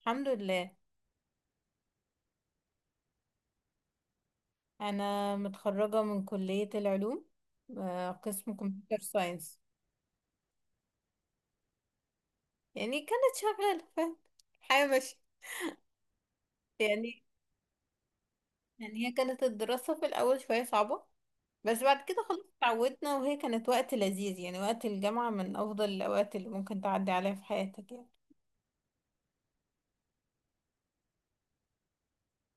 الحمد لله. انا متخرجه من كليه العلوم، قسم كمبيوتر ساينس. يعني كانت شغاله، فاهم؟ حياه ماشيه يعني يعني هي كانت الدراسه في الاول شويه صعبه، بس بعد كده خلاص اتعودنا، وهي كانت وقت لذيذ. يعني وقت الجامعه من افضل الاوقات اللي ممكن تعدي عليها في حياتك يعني.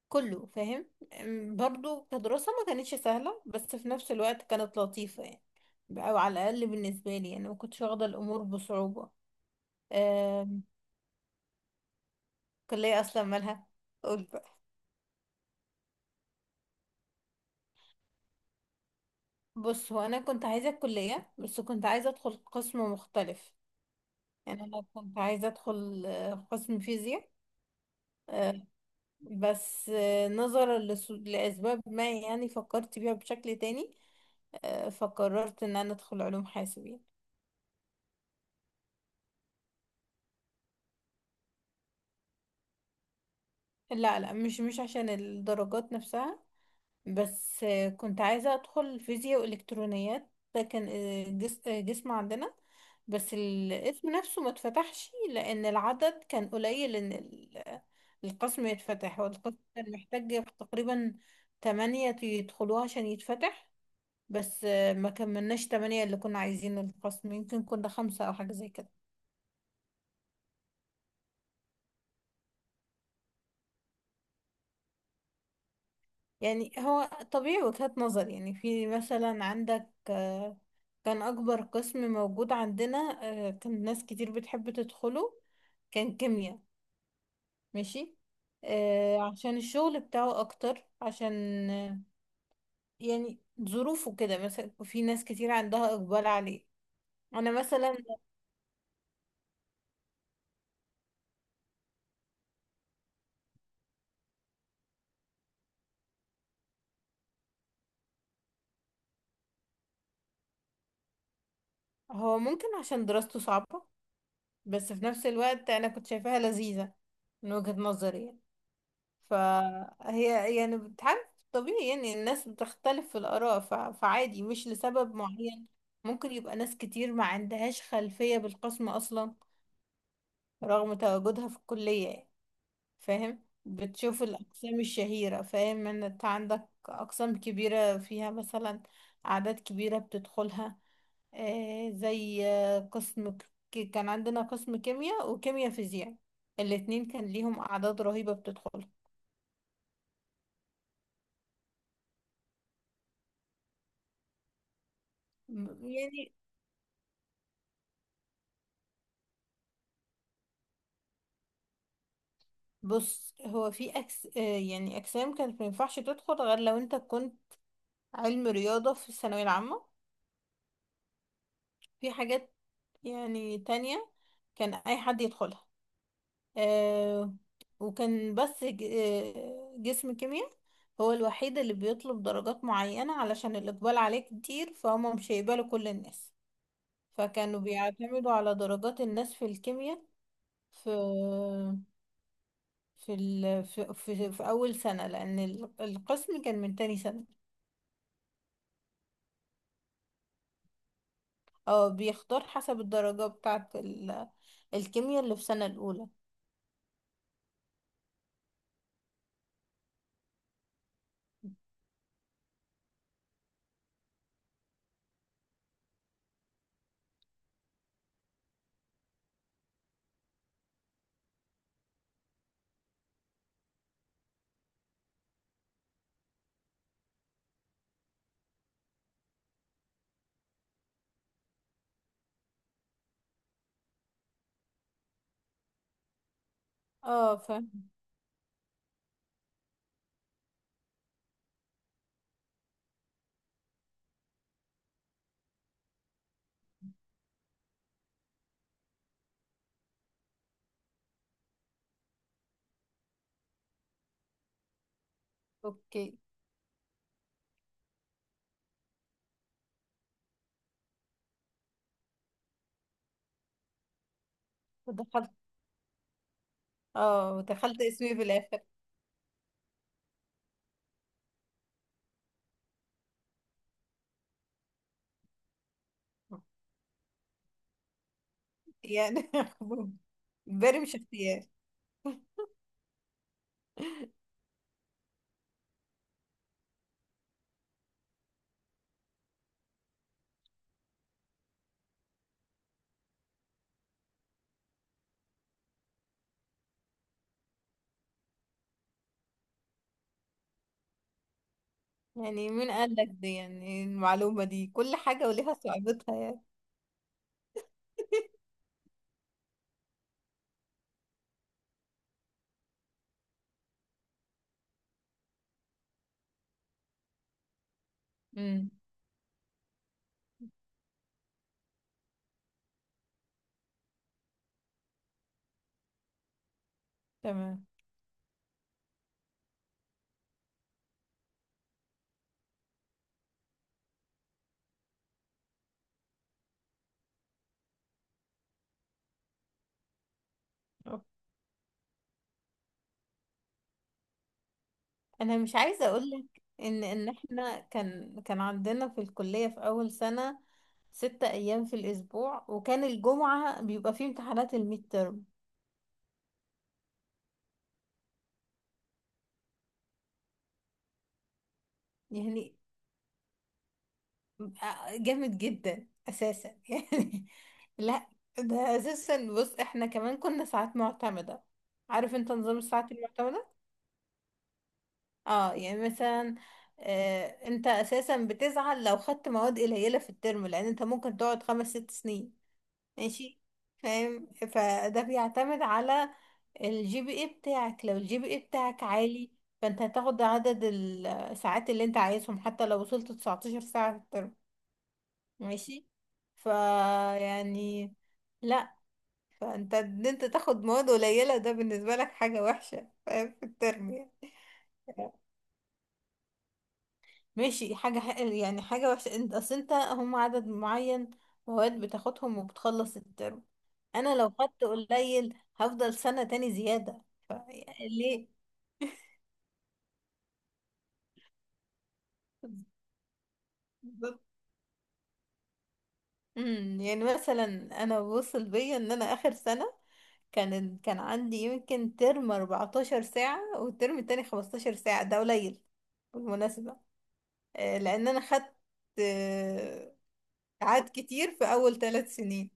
كله فاهم. برضو كدراسه ما كانتش سهله، بس في نفس الوقت كانت لطيفه يعني. او على الاقل بالنسبه لي، يعني ما كنتش واخده الامور بصعوبه. كلية اصلا مالها؟ قول بقى. بص، هو انا كنت عايزة الكلية بس كنت عايزة ادخل قسم مختلف. يعني انا كنت عايزة ادخل قسم فيزياء. آه، بس نظرا لاسباب ما، يعني فكرت فيها بشكل تاني. فقررت ان انا ادخل علوم حاسبين. لا لا، مش عشان الدرجات نفسها. بس كنت عايزة أدخل فيزياء وإلكترونيات. ده كان قسم عندنا. بس الاسم نفسه ما اتفتحش لأن العدد كان قليل، إن القسم يتفتح، والقسم كان محتاج تقريبا تمانية يدخلوه عشان يتفتح. بس ما كملناش تمانية. اللي كنا عايزين القسم يمكن كنا خمسة أو حاجة زي كده. يعني هو طبيعي، وجهات نظر. يعني في مثلا عندك، كان أكبر قسم موجود عندنا. كان ناس كتير بتحب تدخله، كان كيمياء. ماشي. عشان الشغل بتاعه أكتر، عشان آه، يعني ظروفه كده، مثلا في ناس كتير عندها إقبال عليه. أنا مثلا. هو ممكن عشان دراسته صعبة، بس في نفس الوقت أنا كنت شايفاها لذيذة من وجهة نظري يعني. فهي يعني بتعرف. طبيعي يعني الناس بتختلف في الآراء، فعادي مش لسبب معين. ممكن يبقى ناس كتير ما عندهاش خلفية بالقسم أصلا، رغم تواجدها في الكلية يعني. فاهم؟ بتشوف الأقسام الشهيرة، فاهم إن أنت عندك أقسام كبيرة فيها مثلا أعداد كبيرة بتدخلها. آه زي قسم كان عندنا قسم كيمياء وكيمياء فيزياء، الاتنين كان ليهم أعداد رهيبة بتدخلها. يعني بص، هو في أكس يعني أجسام كانت مينفعش تدخل غير لو أنت كنت علم رياضة في الثانوية العامة. في حاجات يعني تانية كان أي حد يدخلها. آه وكان بس جسم كيمياء هو الوحيد اللي بيطلب درجات معينة علشان الإقبال عليه كتير، فهم مش هيقبلوا كل الناس. فكانوا بيعتمدوا على درجات الناس في الكيمياء في في أول سنة، لأن القسم كان من تاني سنة. اه، بيختار حسب الدرجة بتاعة الكيمياء اللي في سنة الأولى. اه، فاهم. اوكي. ودخلت. اه دخلت اسمي في الآخر. يعني امبارح مش اختيار. يعني مين قال لك دي؟ يعني المعلومة دي، كل حاجة وليها صعوبتها يعني. امم تمام. أوكي. انا مش عايزة اقول لك ان احنا كان عندنا في الكلية، في اول سنة 6 ايام في الاسبوع، وكان الجمعة بيبقى فيه امتحانات الميد ترم. يعني جامد جدا اساسا يعني. لا، ده اساسا بص احنا كمان كنا ساعات معتمدة. عارف انت نظام الساعات المعتمدة؟ اه. يعني مثلا انت اساسا بتزعل لو خدت مواد قليلة في الترم، لان انت ممكن تقعد خمس ست سنين. ماشي. فاهم. فده بيعتمد على الجي بي اي بتاعك. لو الجي بي اي بتاعك عالي، فانت هتاخد عدد الساعات اللي انت عايزهم حتى لو وصلت 19 ساعة في الترم. ماشي. فا يعني. لا. فانت، ان انت تاخد مواد قليلة ده بالنسبة لك حاجة وحشة، فاهم؟ في الترم يعني. ماشي، حاجة يعني حاجة وحشة. انت اصل انت هم عدد معين مواد بتاخدهم وبتخلص الترم. انا لو خدت قليل هفضل سنة تاني زيادة. يعني ليه؟ بالظبط. يعني مثلا انا وصل بيا ان انا اخر سنة، كان عندي يمكن ترم 14 ساعة والترم التاني 15 ساعة، ده قليل بالمناسبة. لأن أنا خدت آه، ساعات كتير في أول 3 سنين.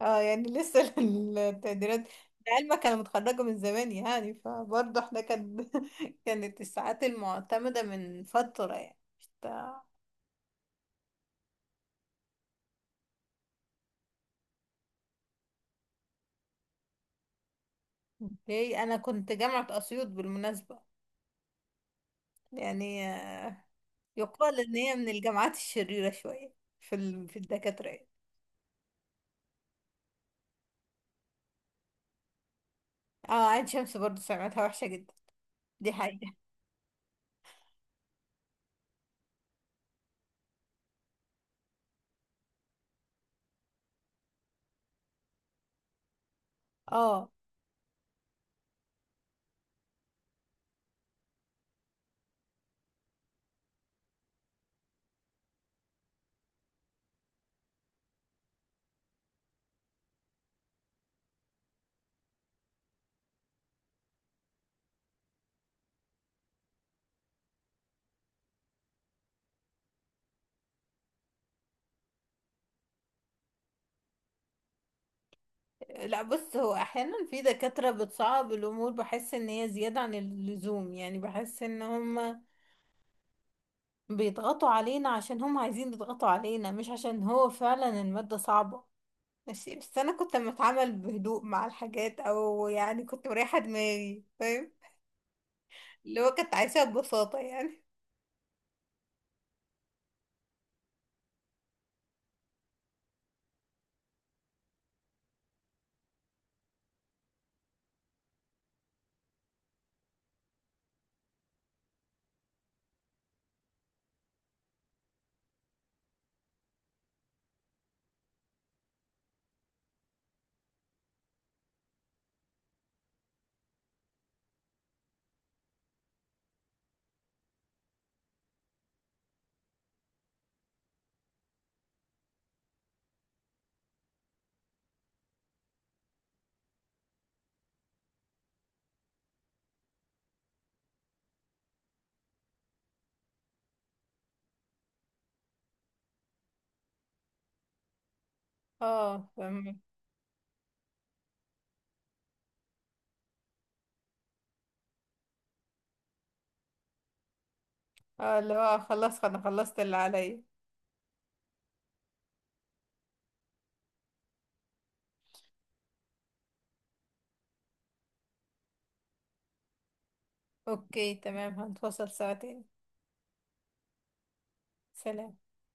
اه، يعني لسه التقديرات. لعلمك أنا متخرجة من زمان يعني، فبرضه احنا كانت الساعات المعتمدة من فترة يعني بتاع- اوكي. أنا كنت جامعة أسيوط بالمناسبة. يعني يقال إن هي من الجامعات الشريرة شوية في الدكاترة يعني. اه، عين شمس برضه سمعتها وحشة جدا، دي حقيقة. اه. لا، بص هو احيانا في دكاترة بتصعب الامور، بحس ان هي زيادة عن اللزوم. يعني بحس ان هم بيضغطوا علينا عشان هم عايزين يضغطوا علينا، مش عشان هو فعلا المادة صعبة. ماشي. بس انا كنت لما اتعامل بهدوء مع الحاجات، او يعني كنت مريحة دماغي، فاهم؟ اللي هو كنت عايشة ببساطة يعني. اه، فاهم. اه، اللي هو خلاص انا خلصت اللي عليا. اوكي تمام، هنتواصل سوا تاني. سلام.